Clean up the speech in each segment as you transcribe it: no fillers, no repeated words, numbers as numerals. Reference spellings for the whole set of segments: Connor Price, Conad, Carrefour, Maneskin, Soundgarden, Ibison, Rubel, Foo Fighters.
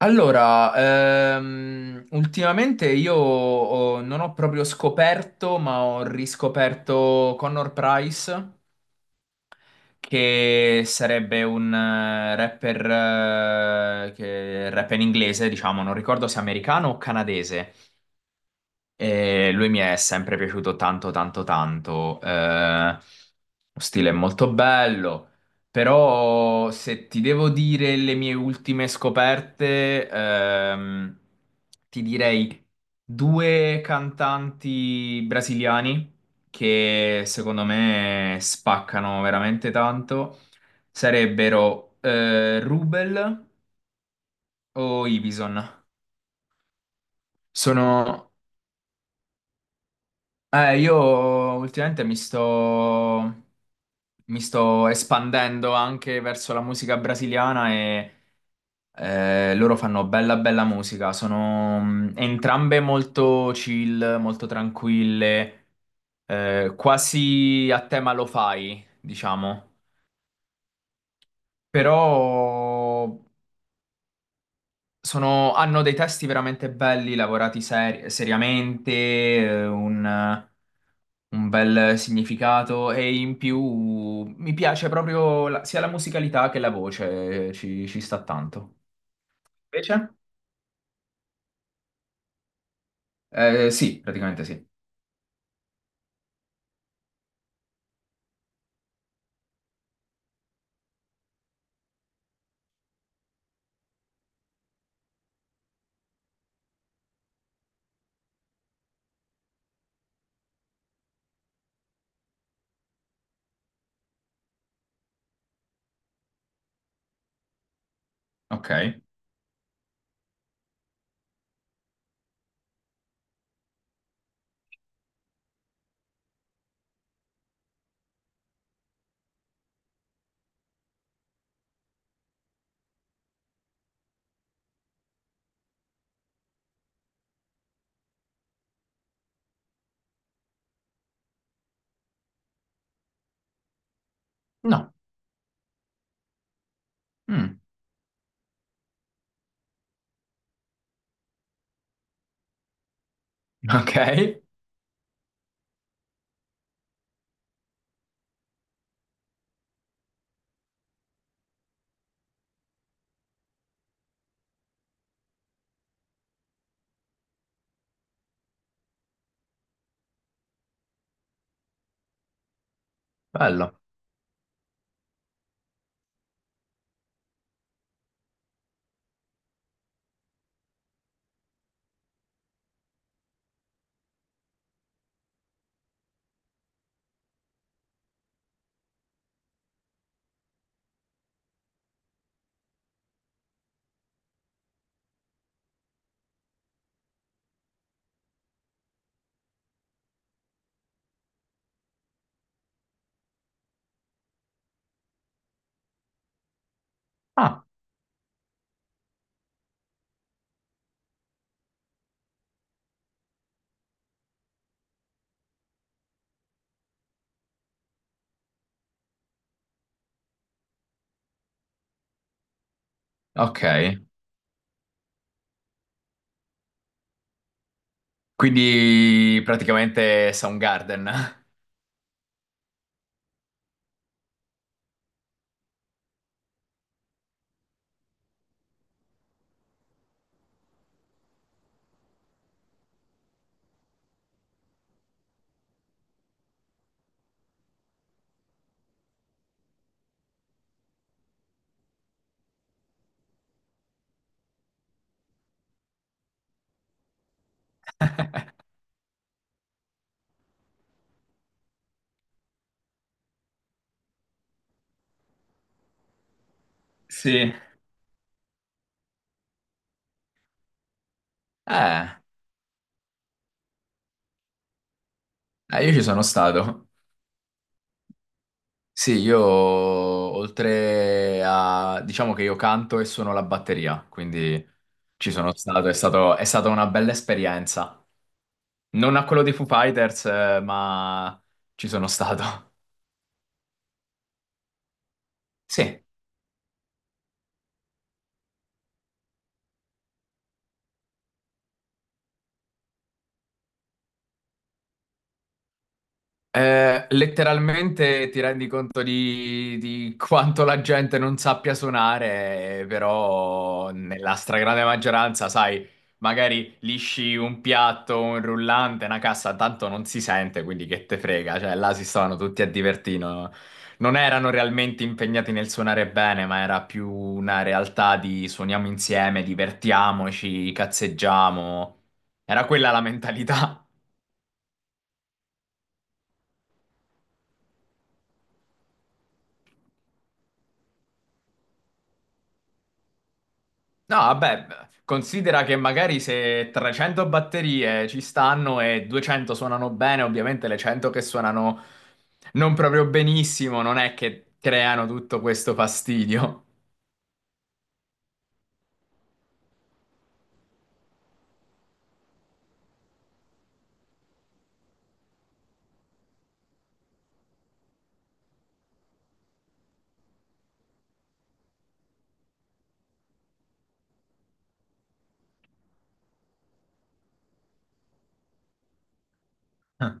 Allora, ultimamente non ho proprio scoperto, ma ho riscoperto Connor Price, che sarebbe un rapper che rappa in inglese, diciamo, non ricordo se americano o canadese. E lui mi è sempre piaciuto tanto, tanto, tanto. Lo stile è molto bello, però se ti devo dire le mie ultime scoperte, ti direi due cantanti brasiliani che secondo me spaccano veramente tanto. Sarebbero Rubel o Ibison. Sono, io ultimamente mi sto espandendo anche verso la musica brasiliana e loro fanno bella bella musica, sono entrambe molto chill, molto tranquille, quasi a tema lo fai, diciamo, però hanno dei testi veramente belli, lavorati seriamente, un bel significato e in più mi piace proprio sia la musicalità che la voce, ci sta tanto. Invece? Sì, praticamente sì. Ok. No. Mm. Ok, bello. Ah, ok. Quindi praticamente Soundgarden. Sì. Eh, io ci sono stato. Sì, io oltre a, diciamo che io canto e suono la batteria, quindi ci sono stato, è stata una bella esperienza. Non a quello dei Foo Fighters, ma ci sono stato. Sì. Letteralmente ti rendi conto di quanto la gente non sappia suonare, però nella stragrande maggioranza, sai, magari lisci un piatto, un rullante, una cassa, tanto non si sente, quindi che te frega, cioè là si stavano tutti a divertire, no? Non erano realmente impegnati nel suonare bene, ma era più una realtà di suoniamo insieme, divertiamoci, cazzeggiamo. Era quella la mentalità. No, vabbè, considera che magari se 300 batterie ci stanno e 200 suonano bene, ovviamente le 100 che suonano non proprio benissimo, non è che creano tutto questo fastidio. Ah,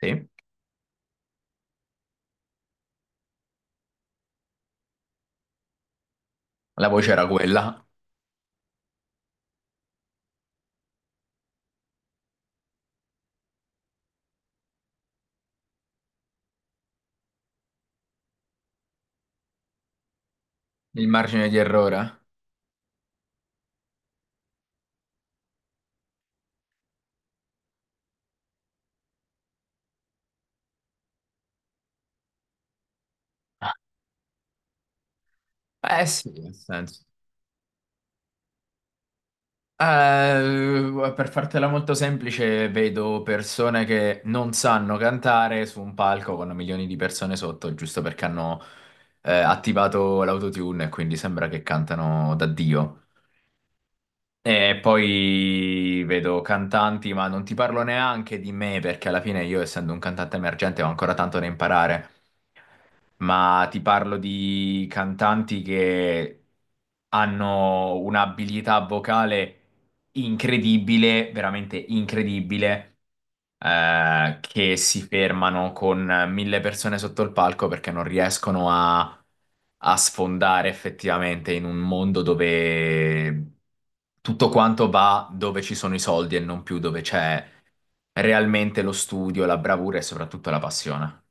sì, la voce era quella, il margine di errore. Eh sì, nel senso. Eh, per fartela molto semplice, vedo persone che non sanno cantare su un palco con milioni di persone sotto, giusto perché hanno attivato l'autotune e quindi sembra che cantano da Dio. E poi vedo cantanti, ma non ti parlo neanche di me perché alla fine io, essendo un cantante emergente, ho ancora tanto da imparare, ma ti parlo di cantanti che hanno un'abilità vocale incredibile, veramente incredibile, che si fermano con 1.000 persone sotto il palco perché non riescono a sfondare effettivamente in un mondo dove tutto quanto va dove ci sono i soldi e non più dove c'è realmente lo studio, la bravura e soprattutto la passione.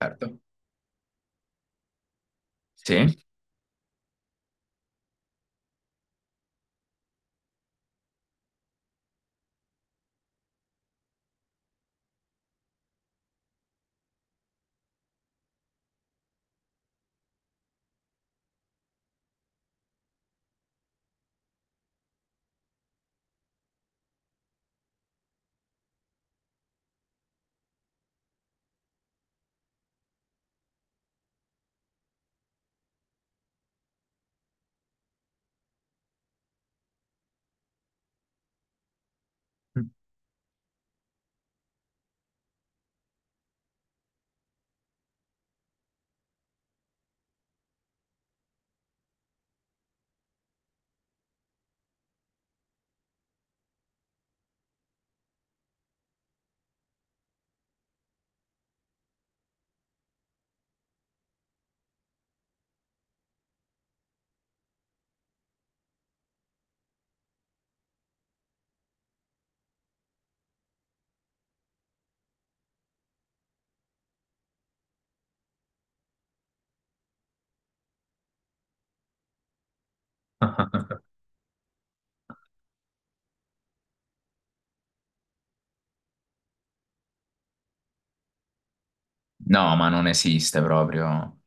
Certo. Sì. No, ma non esiste proprio.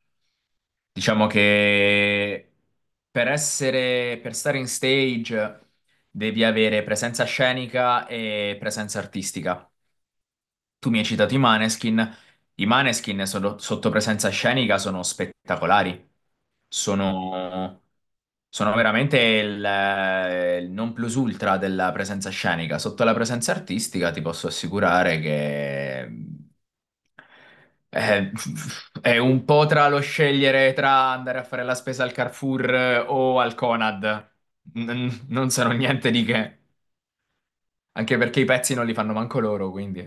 Diciamo che per essere, per stare in stage devi avere presenza scenica e presenza artistica. Tu mi hai citato i Maneskin. I Maneskin sotto presenza scenica sono spettacolari. Sono, sono veramente il non plus ultra della presenza scenica. Sotto la presenza artistica ti posso assicurare che eh, è un po' tra lo scegliere tra andare a fare la spesa al Carrefour o al Conad. Non sono niente di che, anche perché i pezzi non li fanno manco loro, quindi.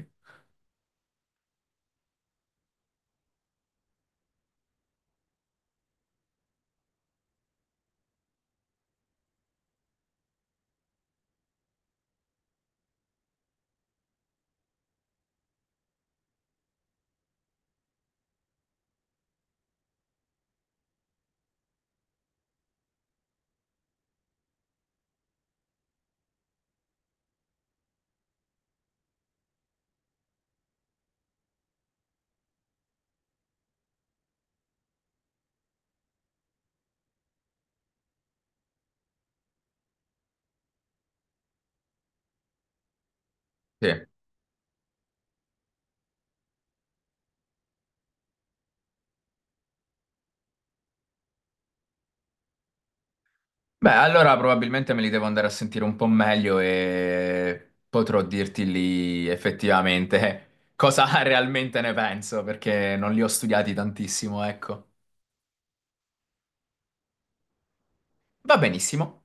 Sì. Beh, allora probabilmente me li devo andare a sentire un po' meglio e potrò dirti lì effettivamente cosa realmente ne penso, perché non li ho studiati tantissimo, ecco. Va benissimo.